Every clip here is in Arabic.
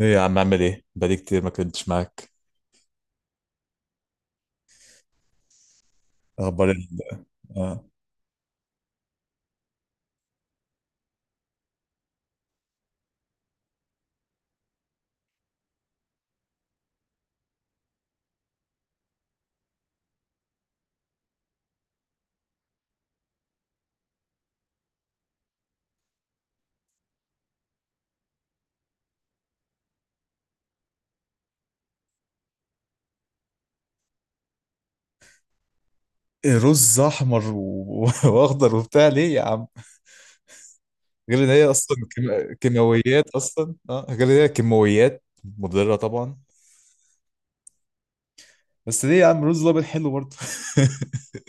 ايه يا عم، اعمل ايه؟ بقالي كتير ما كنتش معاك. اخبار آه. إيه، رز احمر واخضر وبتاع ليه يا عم؟ غير ان هي اصلا كيماويات اصلا، غير ان هي كيماويات مضره طبعا. بس ليه يا عم؟ رز الابيض حلو برضه.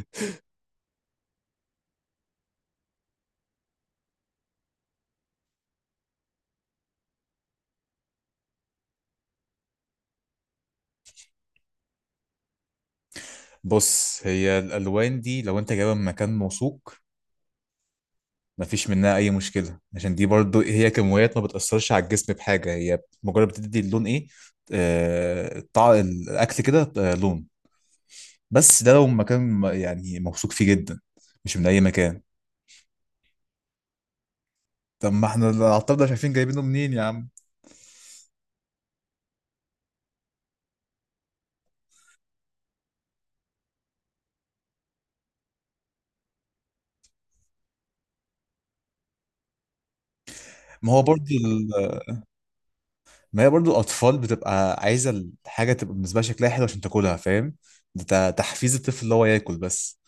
بص، هي الالوان دي لو انت جايبها من مكان موثوق مفيش منها اي مشكله، عشان دي برضو هي كيماويات ما بتاثرش على الجسم بحاجه، هي مجرد بتدي اللون ايه الاكل كده لون. بس ده لو مكان يعني موثوق فيه جدا، مش من اي مكان. طب ما احنا العطار ده شايفين جايبينه منين يا عم؟ ما هو برضو ال... ما هي برضو الاطفال بتبقى عايزه الحاجه تبقى بالنسبه لها شكلها حلو عشان تاكلها، فاهم؟ ده تحفيز الطفل اللي هو ياكل بس.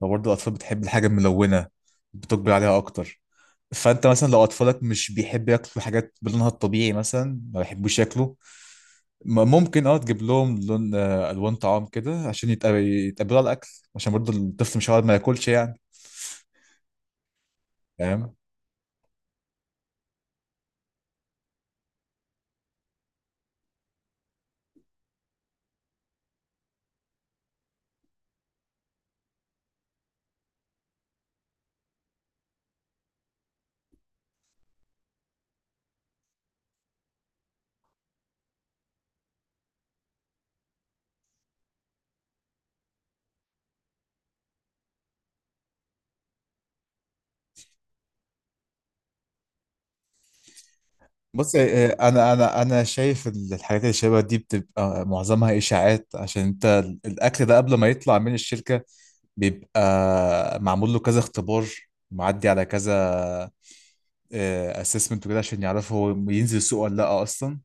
فبرضو الاطفال بتحب الحاجه الملونه، بتقبل عليها اكتر. فانت مثلا لو اطفالك مش بيحب ياكلوا حاجات بلونها الطبيعي، مثلا ما بيحبوش ياكلوا، ممكن تجيب لهم لون، الوان طعام كده عشان يتقبلوا على الاكل، عشان برضه الطفل مش هيقعد ما ياكلش يعني. فاهم؟ بص، انا شايف الحاجات اللي شبه دي بتبقى معظمها اشاعات، عشان انت الاكل ده قبل ما يطلع من الشركه بيبقى معمول له كذا اختبار، معدي على كذا اسسمنت وكده، عشان يعرفوا هو ينزل السوق ولا لا اصلا.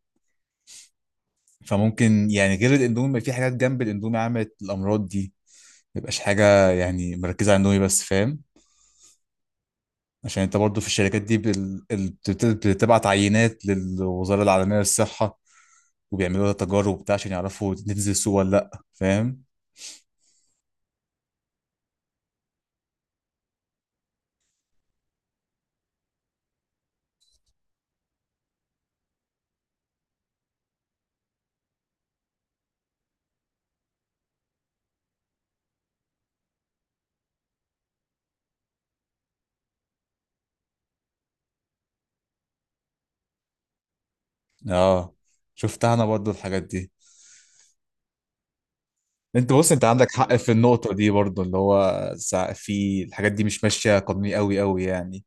فممكن يعني غير الاندومي في حاجات جنب الاندومي عملت الامراض دي، ميبقاش حاجة يعني مركزة على النوي بس. فاهم؟ عشان انت برضو في الشركات دي بتبعت عينات للوزارة العالمية للصحة، وبيعملوا لها تجارب وبتاع عشان يعرفوا تنزل السوق ولا لأ. فاهم؟ اه، شفتها انا برضو الحاجات دي. انت بص، انت عندك حق في النقطة دي برضو، اللي هو في الحاجات دي مش ماشية قانوني قوي قوي يعني.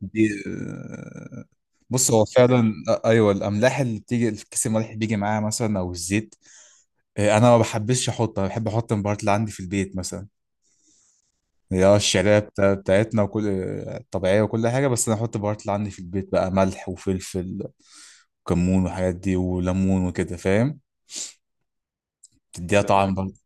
دي آه، بص هو فعلا، ايوه، الاملاح اللي بتيجي الكيس، الملح اللي بيجي معاها مثلا او الزيت. إيه، انا ما بحبش احط، انا بحب احط البهارات اللي عندي في البيت مثلا. هي الشعريه بتاعتنا وكل طبيعيه وكل حاجه، بس انا احط البهارات اللي عندي في البيت بقى ملح وفلفل وكمون والحاجات دي وليمون وكده، فاهم؟ تديها تمام طعم برضه.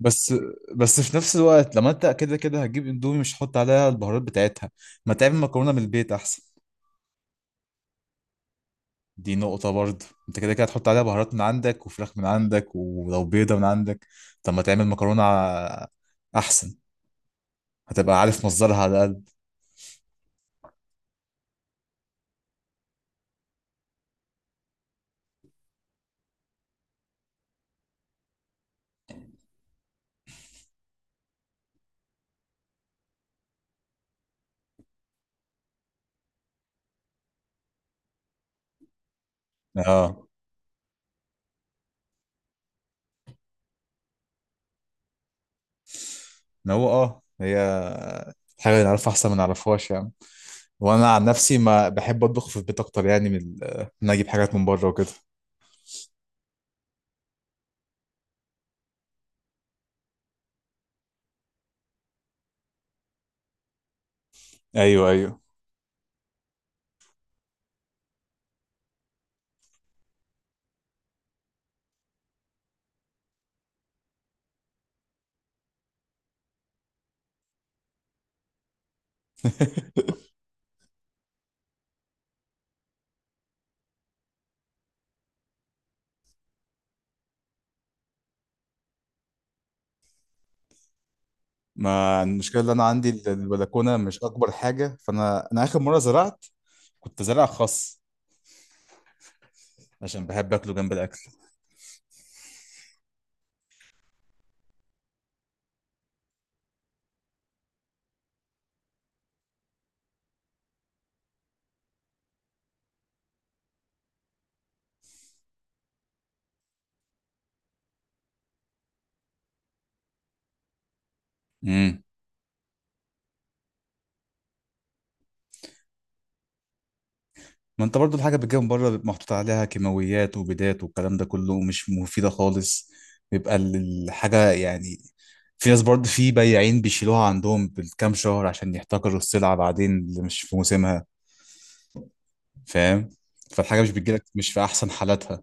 بس بس في نفس الوقت لما انت كده كده هتجيب اندومي مش هتحط عليها البهارات بتاعتها، ما تعمل مكرونه من البيت احسن. دي نقطه برضه، انت كده كده هتحط عليها بهارات من عندك وفراخ من عندك ولو بيضه من عندك، طب ما تعمل مكرونه احسن، هتبقى عارف مصدرها على الأقل. اه، ما هو هي حاجة نعرفها أحسن ما نعرفهاش يعني. وأنا عن نفسي ما بحب أطبخ في البيت أكتر يعني، إن أنا أجيب حاجات من بره وكده. أيوه، أيوه. ما المشكلة، اللي أنا عندي البلكونة مش أكبر حاجة، فأنا آخر مرة زرعت كنت زارع خس، عشان بحب أكله جنب الأكل. امم ما انت برضو الحاجة بتجيب من بره بيبقى محطوط عليها كيماويات وبيدات والكلام ده كله مش مفيدة خالص، بيبقى الحاجة يعني، في ناس برضو، في بياعين بيشيلوها عندهم بالكام شهر عشان يحتكروا السلعة بعدين اللي مش في موسمها، فاهم؟ فالحاجة مش بتجيلك مش في أحسن حالاتها.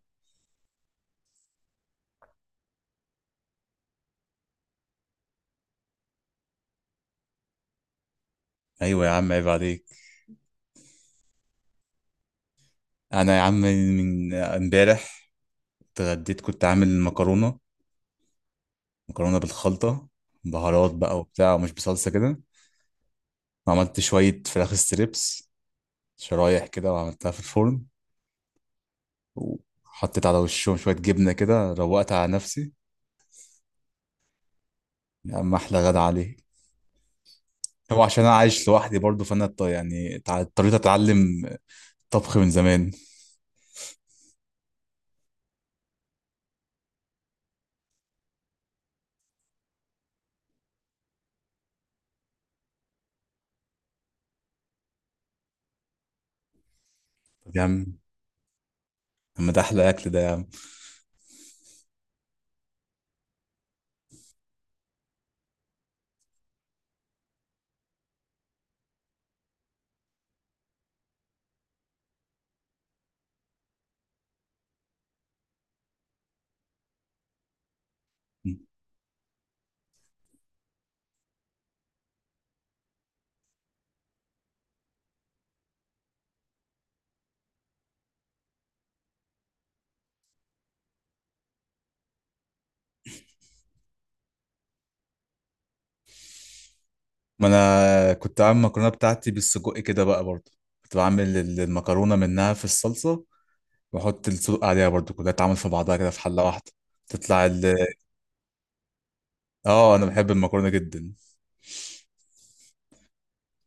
أيوة يا عم، عيب عليك. أنا يا عم من امبارح اتغديت، كنت عامل مكرونة، مكرونة بالخلطة، بهارات بقى وبتاع ومش بصلصة كده، وعملت شوية فراخ ستريبس، شرايح كده، وعملتها في الفرن، وحطيت على وشهم شوية جبنة كده، روقت على نفسي. يا عم أحلى غدا عليه. هو عشان أنا عايش لوحدي برضه، فأنا يعني اضطريت أتعلم طبخ من زمان. طب يا عم، طب ما ده أحلى أكل ده يا عم. ما أنا كنت عامل المكرونة بتاعتي بالسجق كده بقى برضه، كنت بعمل المكرونة منها في الصلصة، وأحط السجق عليها برضه، كلها تعمل في بعضها كده في حلة واحدة، تطلع آه، أنا بحب المكرونة جدا.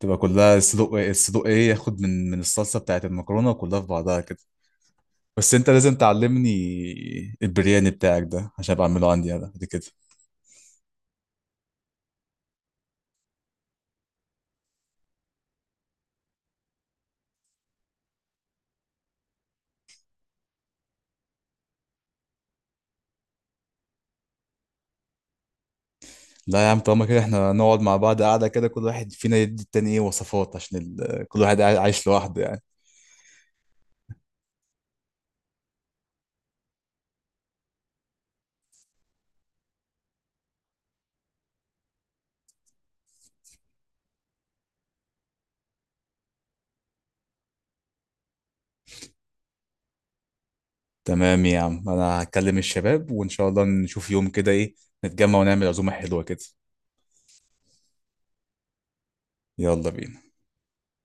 تبقى كلها الصدوق إيه، ياخد من الصلصة بتاعت المكرونة وكلها في بعضها كده. بس انت لازم تعلمني البرياني بتاعك ده عشان ابقى اعمله عندي انا بعد كده. لا يا عم، طالما كده احنا نقعد مع بعض قاعده كده كل واحد فينا يدي التاني ايه وصفات، عشان ال... آه، كل واحد عايش لوحده يعني. تمام يا عم، انا هكلم الشباب، وان شاء الله نشوف يوم كده ايه، نتجمع ونعمل عزومه حلوه كده. يلا بينا.